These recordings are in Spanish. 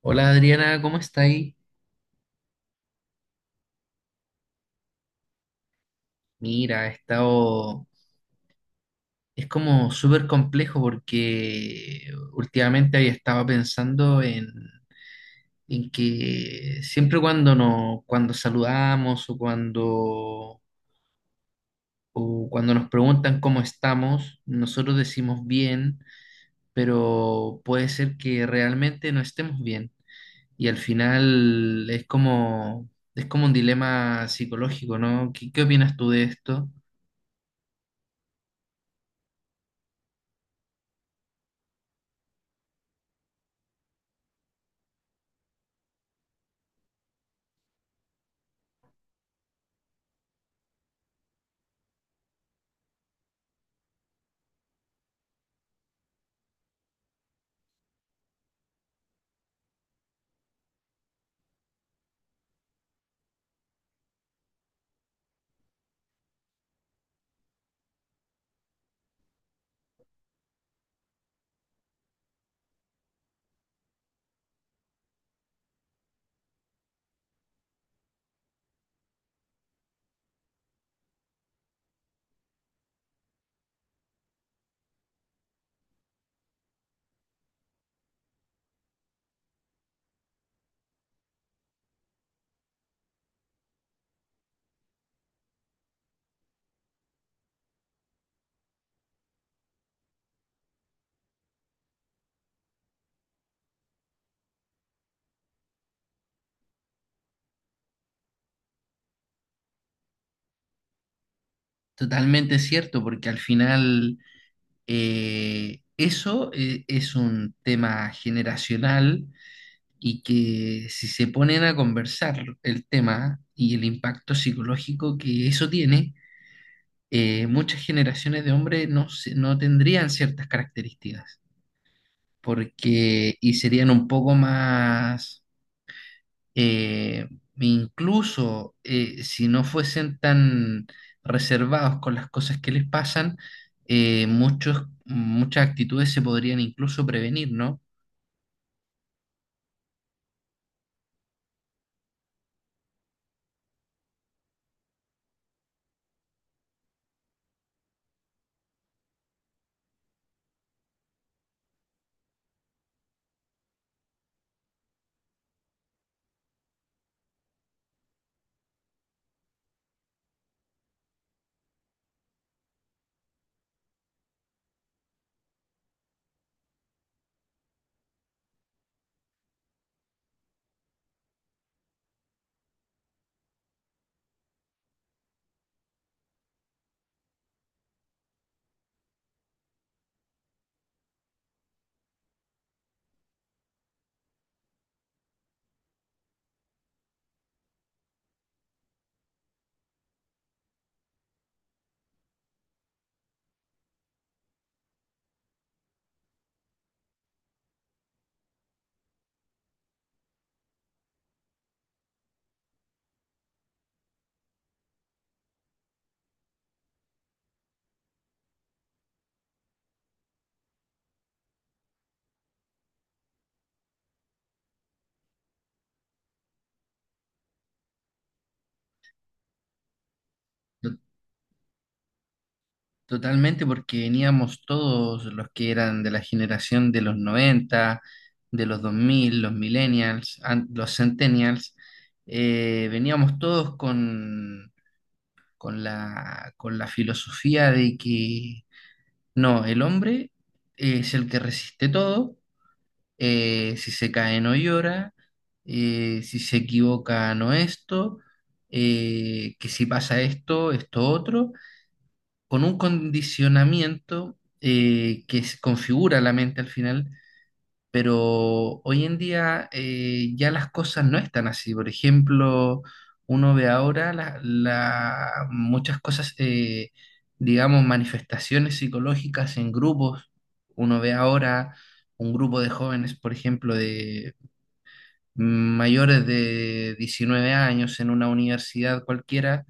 Hola Adriana, ¿cómo está ahí? Mira, he estado... Es como súper complejo porque últimamente había estado pensando en que siempre cuando, no, cuando saludamos o cuando nos preguntan cómo estamos, nosotros decimos bien, pero puede ser que realmente no estemos bien. Y al final es como un dilema psicológico, ¿no? ¿Qué opinas tú de esto? Totalmente cierto, porque al final eso es un tema generacional, y que si se ponen a conversar el tema y el impacto psicológico que eso tiene, muchas generaciones de hombres no no tendrían ciertas características, porque y serían un poco más eh, incluso, si no fuesen tan reservados con las cosas que les pasan, muchas actitudes se podrían incluso prevenir, ¿no? To- Totalmente porque veníamos todos los que eran de la generación de los 90, de los 2000, los millennials, los centennials. Veníamos todos con la filosofía de que no, el hombre es el que resiste todo. Si se cae no llora. Si se equivoca no esto. Que si pasa esto, esto otro. Con un condicionamiento que se configura la mente al final, pero hoy en día, ya las cosas no están así. Por ejemplo, uno ve ahora muchas cosas, digamos, manifestaciones psicológicas en grupos. Uno ve ahora un grupo de jóvenes, por ejemplo, de mayores de 19 años en una universidad cualquiera,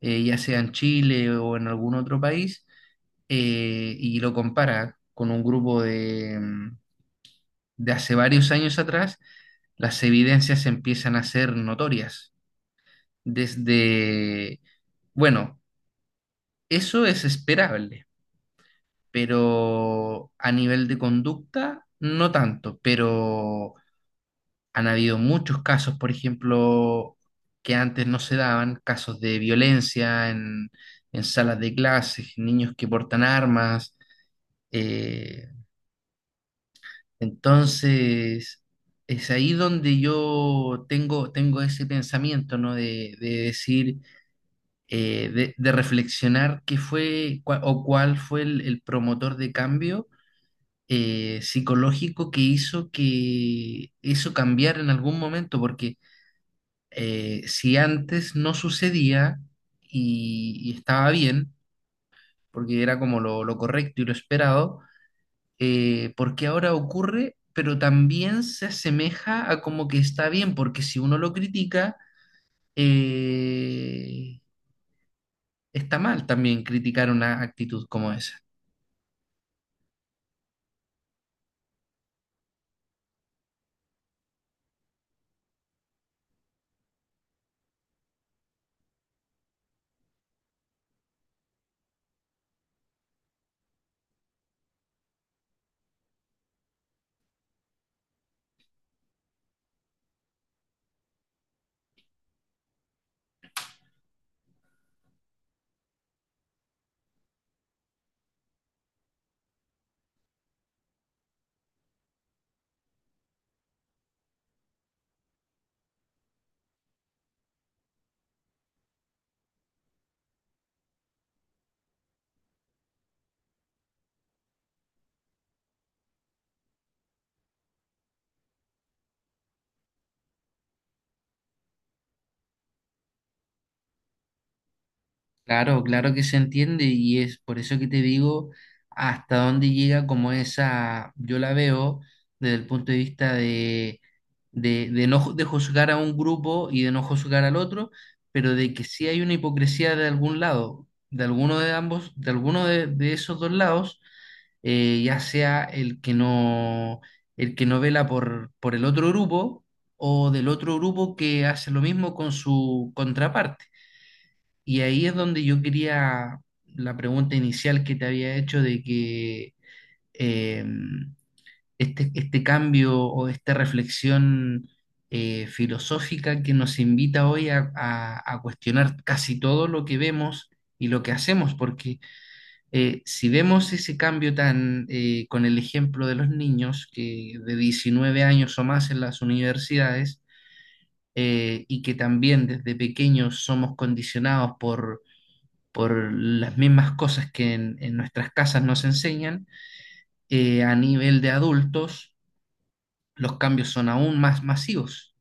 ya sea en Chile o en algún otro país, y lo compara con un grupo de de hace varios años atrás; las evidencias empiezan a ser notorias. Desde, bueno, eso es esperable, pero a nivel de conducta no tanto, pero han habido muchos casos, por ejemplo, que antes no se daban, casos de violencia en salas de clases, niños que portan armas. eh, entonces Es ahí donde yo tengo ese pensamiento, ¿no? De decir, de reflexionar qué fue cua- o cuál fue el promotor de cambio psicológico, que hizo cambiar en algún momento, porque si antes no sucedía y estaba bien, porque era como lo correcto y lo esperado, ¿por qué ahora ocurre? Pero también se asemeja a como que está bien, porque si uno lo critica, eh, está mal también criticar una actitud como esa. Claro, claro que se entiende, y es por eso que te digo hasta dónde llega como esa. Yo la veo desde el punto de vista de no ju- de juzgar a un grupo y de no juzgar al otro, pero de que sí hay una hipocresía de algún lado, de alguno de ambos, de alguno de esos dos lados, ya sea el que no vela por el otro grupo, o del otro grupo que hace lo mismo con su contraparte. Y ahí es donde yo quería la pregunta inicial que te había hecho, de que eh, este cambio o esta reflexión filosófica que nos invita hoy a cuestionar casi todo lo que vemos y lo que hacemos, porque si vemos ese cambio tan con el ejemplo de los niños que de 19 años o más en las universidades, y que también desde pequeños somos condicionados por las mismas cosas que en nuestras casas nos enseñan, a nivel de adultos los cambios son aún más masivos.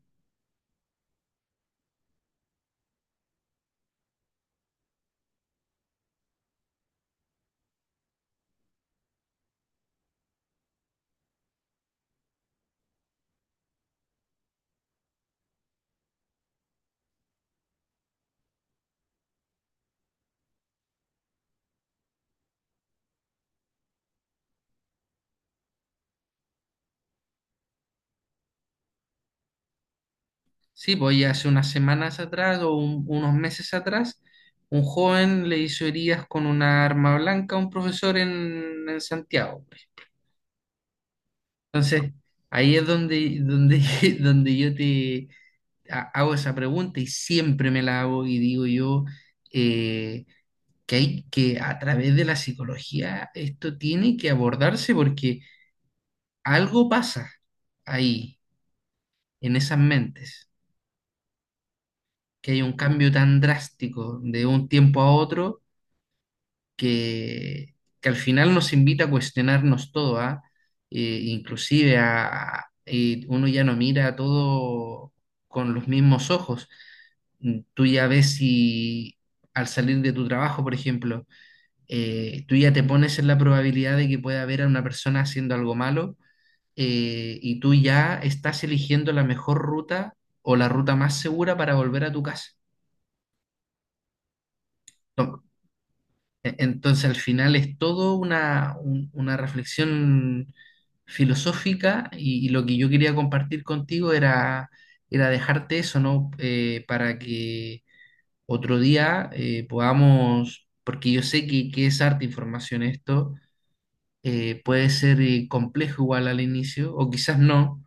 Sí, pues ya hace unas semanas atrás o unos meses atrás, un joven le hizo heridas con una arma blanca a un profesor en Santiago, pues. Entonces, ahí es donde, donde, donde yo te hago esa pregunta y siempre me la hago y digo yo, eh, que hay que, a través de la psicología, esto tiene que abordarse, porque algo pasa ahí, en esas mentes, que hay un cambio tan drástico de un tiempo a otro, que, que al final nos invita a cuestionarnos todo, ¿ah? Inclusive uno ya no mira todo con los mismos ojos. Mm. Tú ya ves, si al salir de tu trabajo, por ejemplo, tú ya te pones en la probabilidad de que pueda haber a una persona haciendo algo malo, y tú ya estás eligiendo la mejor ruta o la ruta más segura para volver a tu casa. Tom- e- Entonces, al final es todo una reflexión filosófica, y lo que yo quería compartir contigo era era dejarte eso, ¿no? Para que otro día podamos, porque yo sé que es harta información esto. Puede ser complejo igual al inicio, o quizás no,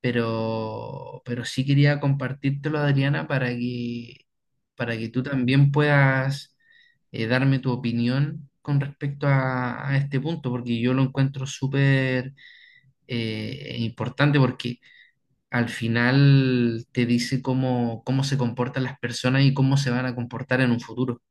pero sí quería compartírtelo, Adriana, para que tú también puedas darme tu opinión con respecto a este punto, porque yo lo encuentro súper importante, porque al final te dice cómo, cómo se comportan las personas y cómo se van a comportar en un futuro.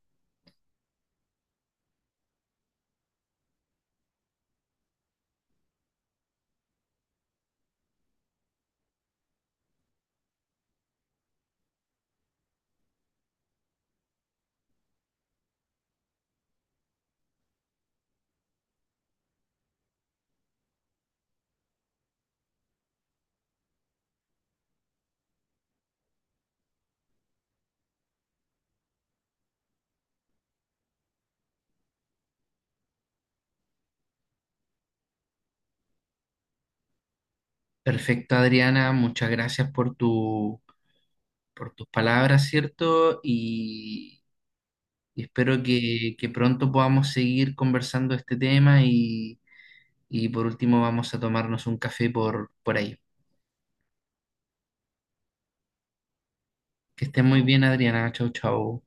Perfecto, Adriana, muchas gracias por tu por tus palabras, ¿cierto? Y espero que pronto podamos seguir conversando este tema, y por último vamos a tomarnos un café por ahí. Que estés muy bien, Adriana. Chau, chau.